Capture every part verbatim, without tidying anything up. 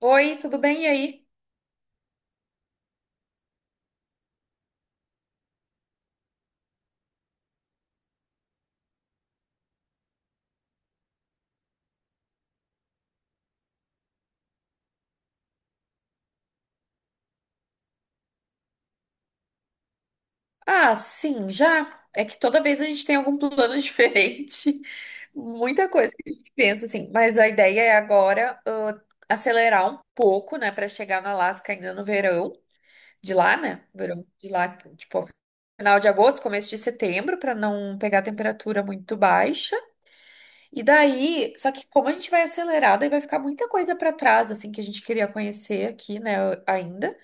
Oi, tudo bem? E aí? Ah, sim, já. É que toda vez a gente tem algum plano diferente. Muita coisa que a gente pensa, assim. Mas a ideia é agora ah, acelerar um pouco, né, para chegar no Alasca ainda no verão de lá, né? Verão de lá, tipo, final de agosto, começo de setembro, para não pegar temperatura muito baixa. E daí, só que como a gente vai acelerar, daí vai ficar muita coisa para trás, assim, que a gente queria conhecer aqui, né, ainda.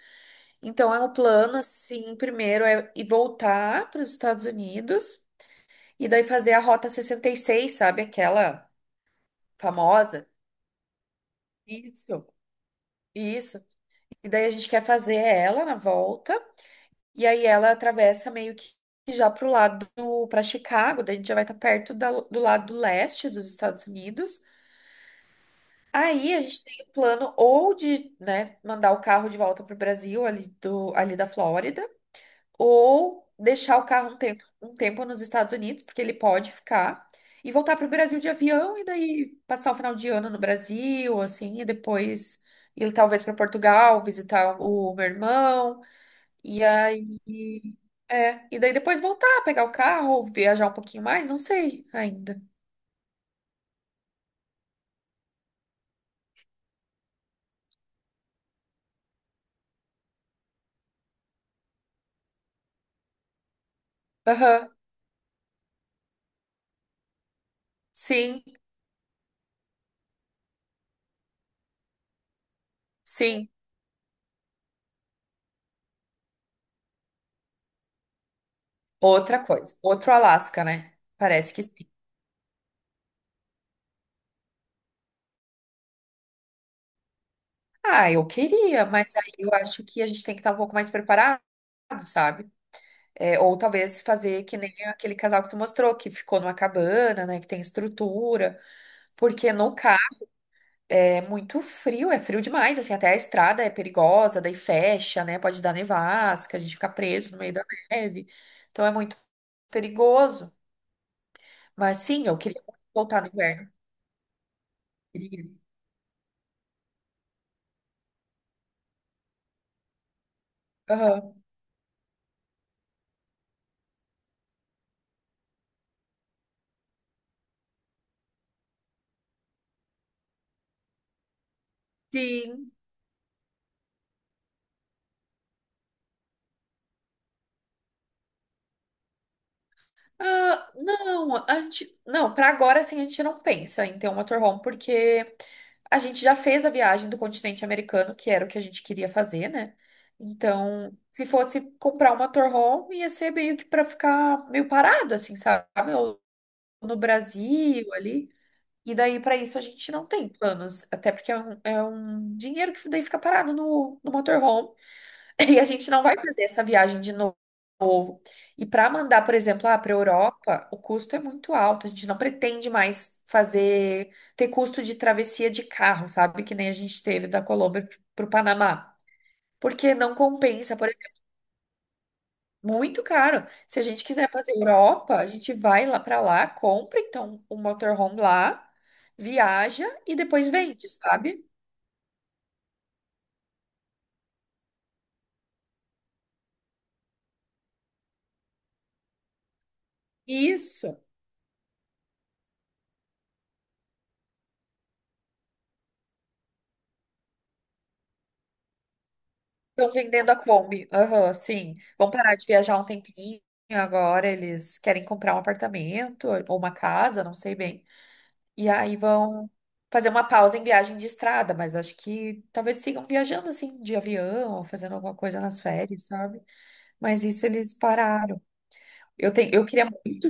Então, é um plano, assim, primeiro é ir voltar para os Estados Unidos e daí fazer a Rota sessenta e seis, sabe? Aquela famosa. Isso. Isso. E daí a gente quer fazer ela na volta. E aí ela atravessa meio que já pro lado do, para Chicago. Daí a gente já vai estar perto da- do lado leste dos Estados Unidos. Aí a gente tem o plano ou de, né, mandar o carro de volta pro Brasil, ali, do, ali da Flórida. Ou deixar o carro um tempo, um tempo nos Estados Unidos, porque ele pode ficar, e voltar para o Brasil de avião e daí passar o final de ano no Brasil, assim, e depois ir talvez para Portugal, visitar o meu irmão, e aí. É, e daí depois voltar, pegar o carro, ou viajar um pouquinho mais, não sei ainda. Aham. Sim, sim. Outra coisa, outro Alasca, né? Parece que sim. Ah, eu queria, mas aí eu acho que a gente tem que estar um pouco mais preparado, sabe? É, ou talvez fazer que nem aquele casal que tu mostrou, que ficou numa cabana, né? Que tem estrutura. Porque no carro é muito frio, é frio demais, assim, até a estrada é perigosa, daí fecha, né? Pode dar nevasca, a gente fica preso no meio da neve. Então é muito perigoso. Mas sim, eu queria voltar no inverno. Queria. Aham. Sim. Ah, não, a gente, não, para agora assim a gente não pensa em ter um motorhome porque a gente já fez a viagem do continente americano, que era o que a gente queria fazer, né? Então, se fosse comprar um motorhome, ia ser meio que para ficar meio parado assim, sabe? Ou no Brasil ali. E daí para isso a gente não tem planos, até porque é um, é um dinheiro que daí fica parado no, no motorhome. E a gente não vai fazer essa viagem de novo. E para mandar, por exemplo, ah, para a Europa, o custo é muito alto. A gente não pretende mais fazer, ter custo de travessia de carro, sabe? Que nem a gente teve da Colômbia para o Panamá. Porque não compensa, por exemplo, muito caro. Se a gente quiser fazer Europa, a gente vai lá para lá, compra então um motorhome lá, viaja e depois vende, sabe? Isso. Estão vendendo a Kombi. Aham, sim. Vão parar de viajar um tempinho. Agora eles querem comprar um apartamento ou uma casa, não sei bem. E aí vão fazer uma pausa em viagem de estrada, mas acho que talvez sigam viajando assim, de avião, ou fazendo alguma coisa nas férias, sabe? Mas isso eles pararam. Eu tenho, eu queria muito.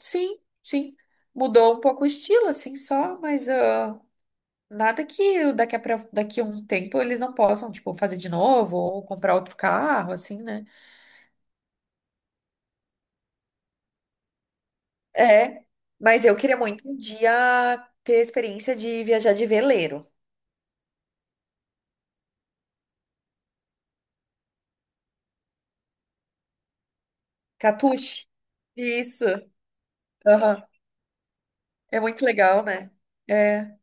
Sim, sim. Mudou um pouco o estilo, assim, só, mas. ah, Nada que daqui a, pra- daqui a um tempo eles não possam, tipo, fazer de novo ou comprar outro carro, assim, né? É, mas eu queria muito um dia ter a experiência de viajar de veleiro. Catuche. Isso. Aham. É muito legal, né? É.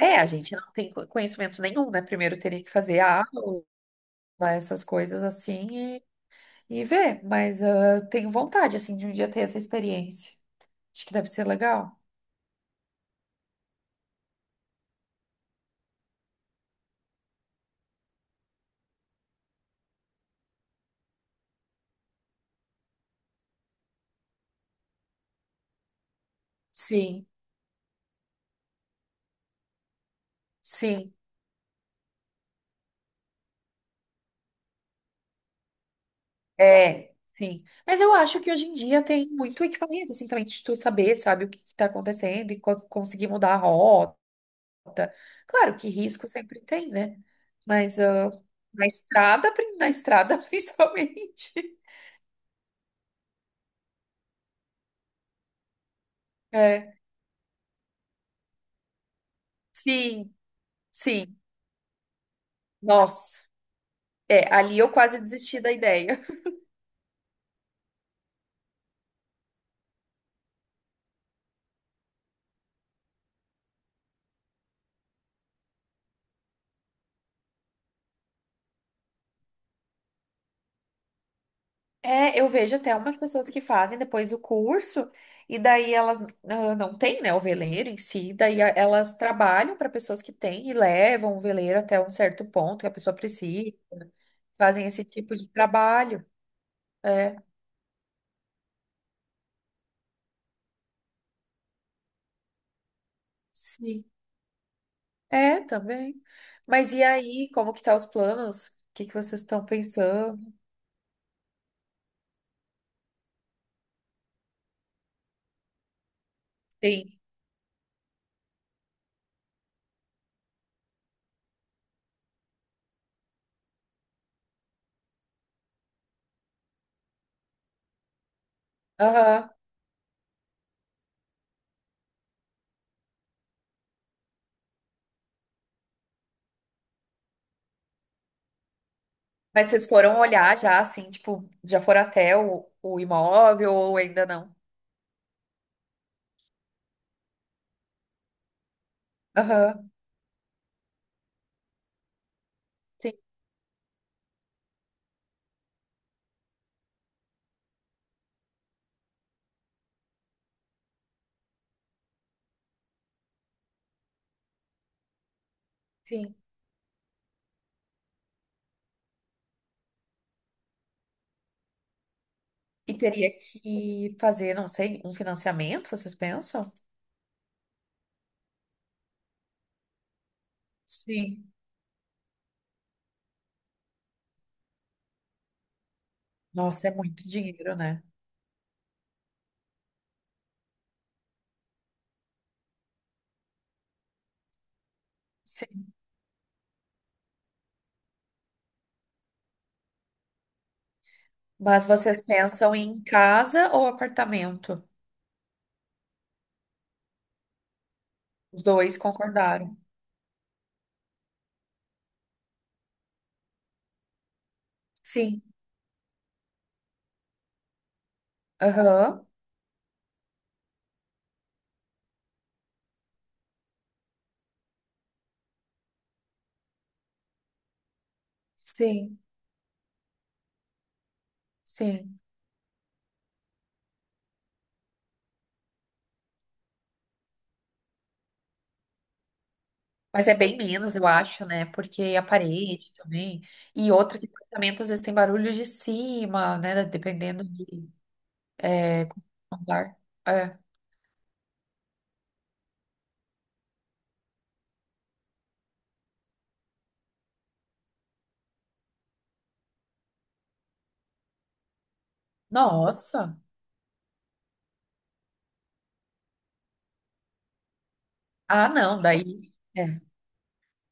É, a gente não tem co- conhecimento nenhum, né? Primeiro teria que fazer a aula, essas coisas assim e, e ver. Mas ah, tenho vontade, assim, de um dia ter essa experiência. Acho que deve ser legal. Sim, sim. É, sim. Mas eu acho que hoje em dia tem muito equipamento, assim, também de tu saber, sabe, o que que tá acontecendo e co- conseguir mudar a rota. Claro que risco sempre tem, né? Mas ah, na estrada, pri- na estrada principalmente. É, sim, sim. Nossa, é, ali eu quase desisti da ideia. É, eu vejo até umas pessoas que fazem depois o curso e daí elas ah, não têm, né, o veleiro em si, daí a- elas trabalham para pessoas que têm e levam o veleiro até um certo ponto que a pessoa precisa, fazem esse tipo de trabalho. É, sim. É, também. Mas e aí, como que tá os planos? O que que vocês estão pensando? Sim. Aham. Mas vocês foram olhar já, assim, tipo, já foram até o, o imóvel ou ainda não? Aham. Sim, sim. E teria que fazer, não sei, um financiamento, vocês pensam? Sim. Nossa, é muito dinheiro, né? Sim. Mas vocês pensam em casa ou apartamento? Os dois concordaram. Sim. Aham. Sim. Sim. Mas é bem menos, eu acho, né? Porque a parede também. E outro que apartamento às vezes tem barulho de cima, né? Dependendo de é, como é o andar. É. Nossa! Ah, não, daí. É.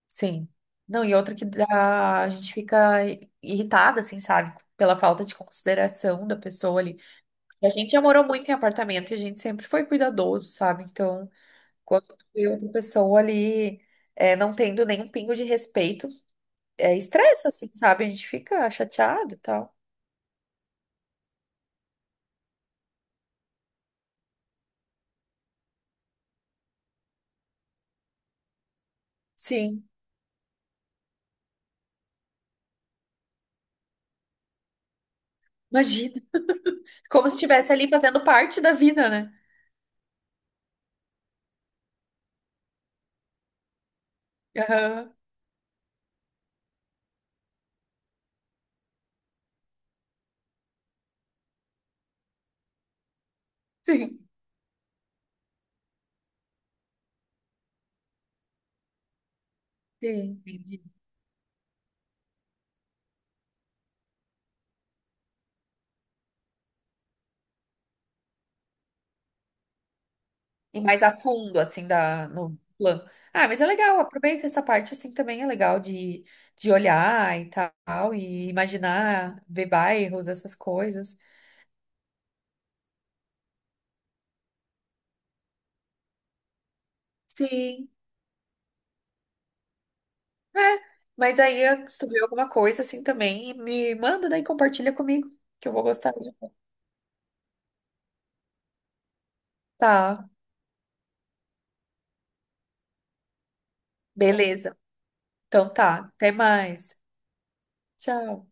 Sim. Não, e outra que dá, a gente fica irritada, assim, sabe? Pela falta de consideração da pessoa ali. E a gente já morou muito em apartamento e a gente sempre foi cuidadoso, sabe? Então, quando tu vê outra pessoa ali é, não tendo nenhum pingo de respeito, é, estressa, assim, sabe? A gente fica chateado e tal. Sim, imagina. Como se estivesse ali fazendo parte da vida, né? Aham. Sim, sim. E mais a fundo, assim, da, no plano. Ah, mas é legal, aproveita essa parte, assim, também é legal de, de olhar e tal, e imaginar, ver bairros, essas coisas. Sim, é. Mas aí, se tu vê alguma coisa, assim, também, me manda daí, compartilha comigo, que eu vou gostar de... Tá, beleza. Então tá, até mais. Tchau.